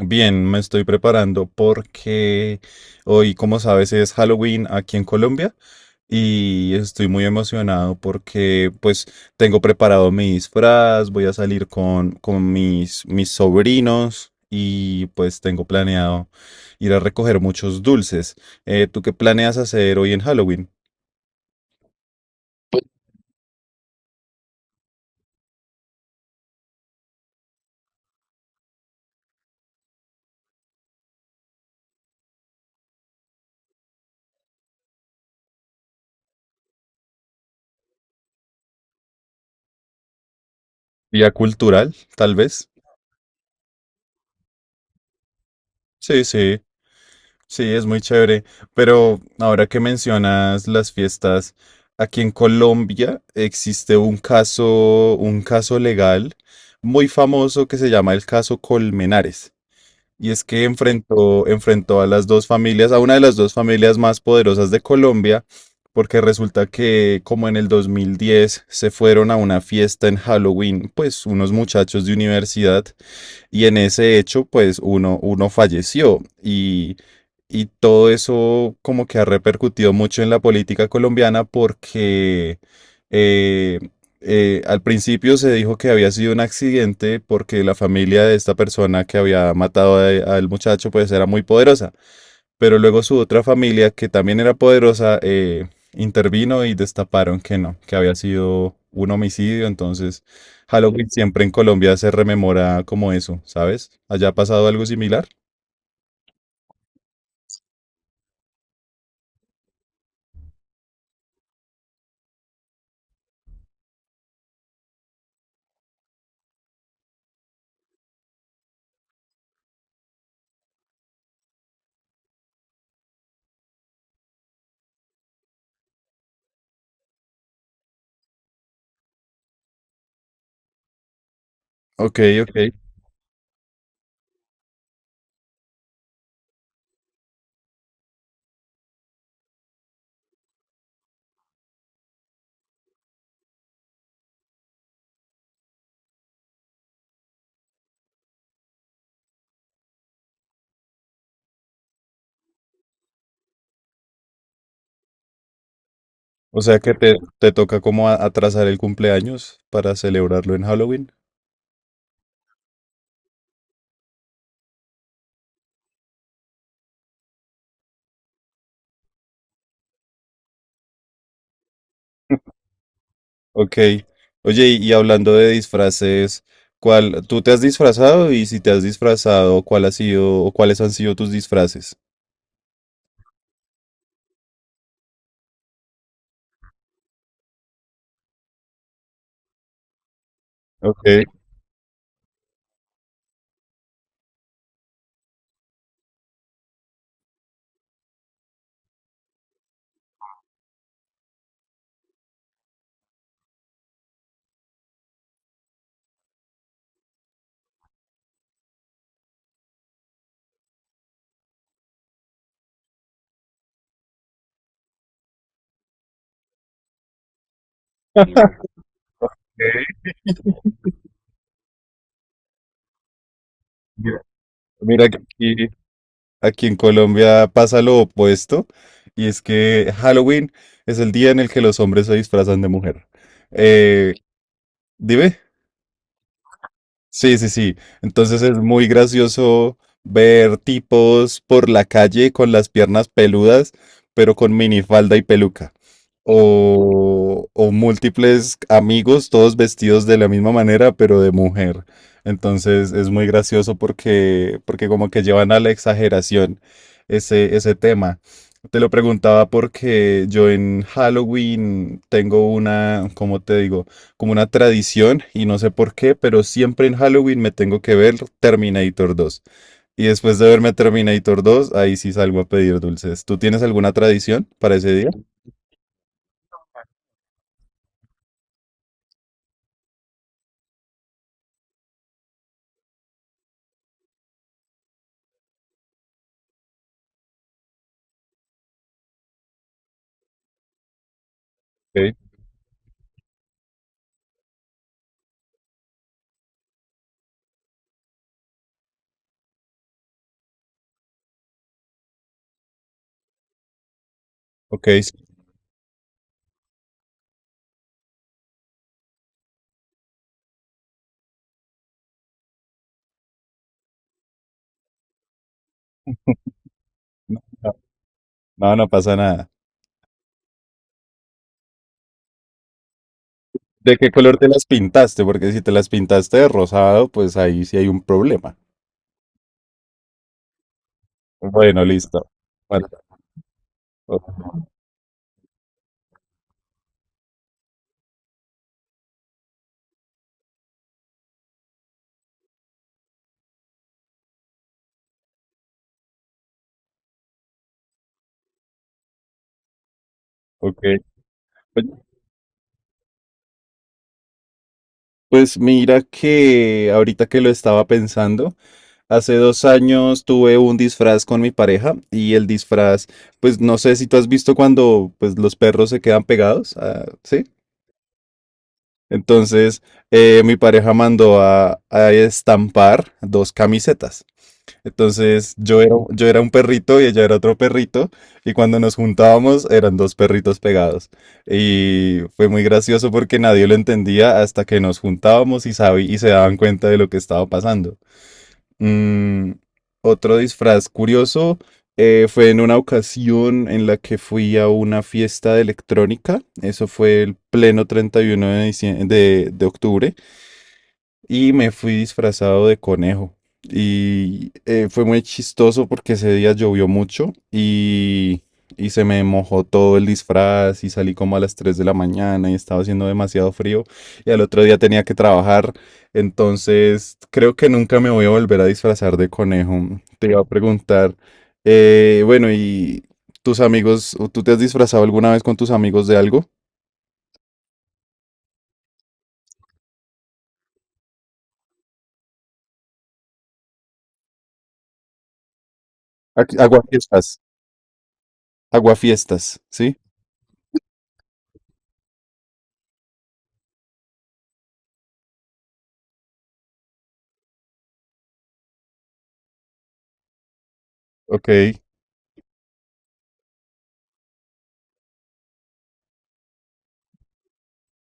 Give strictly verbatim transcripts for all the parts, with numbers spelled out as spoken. Bien, me estoy preparando porque hoy, como sabes, es Halloween aquí en Colombia y estoy muy emocionado porque pues tengo preparado mi disfraz, voy a salir con, con mis, mis sobrinos y pues tengo planeado ir a recoger muchos dulces. Eh, ¿tú qué planeas hacer hoy en Halloween? ¿Vía cultural, tal vez? Sí, sí. Sí, es muy chévere, pero ahora que mencionas las fiestas, aquí en Colombia existe un caso, un caso legal muy famoso que se llama el caso Colmenares. Y es que enfrentó, enfrentó a las dos familias, a una de las dos familias más poderosas de Colombia, porque resulta que como en el dos mil diez se fueron a una fiesta en Halloween, pues unos muchachos de universidad, y en ese hecho, pues uno, uno falleció y, y todo eso como que ha repercutido mucho en la política colombiana porque eh, eh, al principio se dijo que había sido un accidente porque la familia de esta persona que había matado a- al muchacho pues era muy poderosa, pero luego su otra familia que también era poderosa eh, intervino y destaparon que no, que había sido un homicidio. Entonces Halloween siempre en Colombia se rememora como eso, ¿sabes? ¿Allá ha pasado algo similar? Ok, ok. O sea que te, te toca como a- atrasar el cumpleaños para celebrarlo en Halloween. Ok. Oye, y y hablando de disfraces, ¿cuál, tú te has disfrazado y si te has disfrazado, ¿cuál ha sido o cuáles han sido tus disfraces? Ok. Ok, mira. Mira que aquí, aquí en Colombia pasa lo opuesto, y es que Halloween es el día en el que los hombres se disfrazan de mujer. Eh, Dime. Sí, sí, sí. Entonces es muy gracioso ver tipos por la calle con las piernas peludas, pero con minifalda y peluca. O, o múltiples amigos, todos vestidos de la misma manera, pero de mujer. Entonces es muy gracioso porque, porque como que llevan a la exageración ese, ese tema. Te lo preguntaba porque yo en Halloween tengo una, ¿cómo te digo? Como una tradición, y no sé por qué, pero siempre en Halloween me tengo que ver Terminator dos. Y después de verme Terminator dos ahí sí salgo a pedir dulces. ¿Tú tienes alguna tradición para ese día? Ok, ok, sí. No, no, no no pasa nada. ¿De qué color te las pintaste? Porque si te las pintaste de rosado, pues ahí sí hay un problema. Bueno, listo. Bueno, o- ok. Pues pues mira que ahorita que lo estaba pensando, hace dos años tuve un disfraz con mi pareja y el disfraz, pues no sé si tú has visto cuando pues, los perros se quedan pegados. Ah, ¿sí? Entonces eh, mi pareja mandó a, a estampar dos camisetas. Entonces yo era, yo era un perrito y ella era otro perrito y cuando nos juntábamos eran dos perritos pegados. Y fue muy gracioso porque nadie lo entendía hasta que nos juntábamos y, sabi- y se daban cuenta de lo que estaba pasando. Mm, Otro disfraz curioso eh, fue en una ocasión en la que fui a una fiesta de electrónica. Eso fue el pleno treinta y uno de, diciem- de, de octubre y me fui disfrazado de conejo. Y eh, fue muy chistoso porque ese día llovió mucho y, y se me mojó todo el disfraz y salí como a las tres de la mañana y estaba haciendo demasiado frío y al otro día tenía que trabajar. Entonces creo que nunca me voy a volver a disfrazar de conejo. Te iba a preguntar, eh, bueno, ¿y tus amigos, o tú te has disfrazado alguna vez con tus amigos de algo? Aquí- Aguafiestas, aguafiestas, ¿sí? Ok,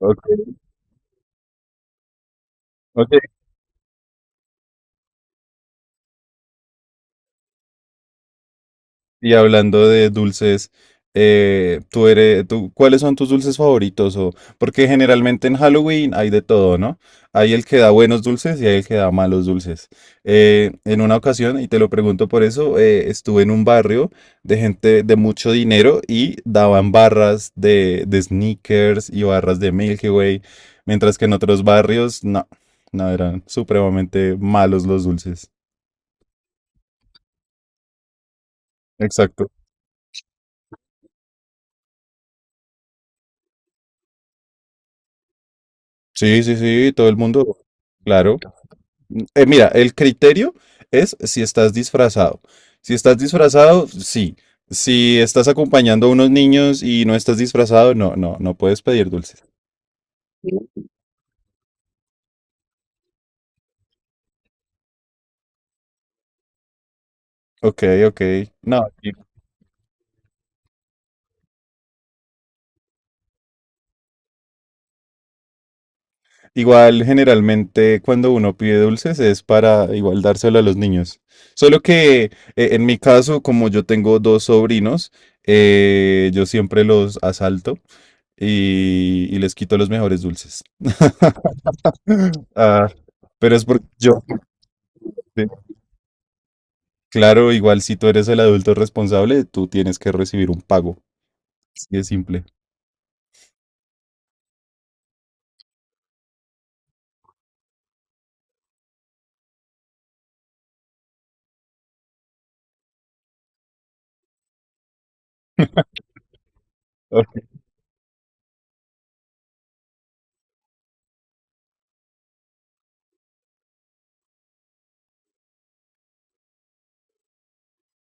ok. Ok, y hablando de dulces, eh, tú eres, tú, ¿cuáles son tus dulces favoritos? O, porque generalmente en Halloween hay de todo, ¿no? Hay el que da buenos dulces y hay el que da malos dulces. Eh, en una ocasión, y te lo pregunto por eso, eh, estuve en un barrio de gente de mucho dinero y daban barras de, de sneakers y barras de Milky Way, mientras que en otros barrios, no, no, eran supremamente malos los dulces. Exacto. Sí, sí, sí, todo el mundo, claro. Eh, mira, el criterio es si estás disfrazado. Si estás disfrazado, sí. Si estás acompañando a unos niños y no estás disfrazado, no, no, no puedes pedir dulces. Ok, ok. No, i- igual generalmente cuando uno pide dulces es para igual dárselo a los niños. Solo que eh, en mi caso, como yo tengo dos sobrinos, eh, yo siempre los asalto y, y les quito los mejores dulces. Ah, pero es porque yo. Claro, igual si tú eres el adulto responsable, tú tienes que recibir un pago. Así de simple. Ok.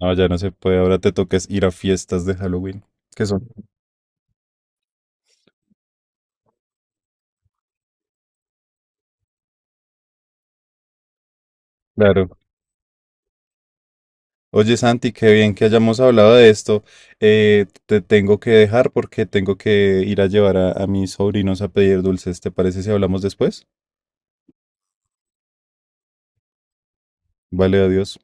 No, ya no se puede. Ahora te toques ir a fiestas de Halloween. ¿Qué son? Claro. Oye, Santi, qué bien que hayamos hablado de esto. Eh, te tengo que dejar porque tengo que ir a llevar a, a mis sobrinos a pedir dulces. ¿Te parece si hablamos después? Vale, adiós.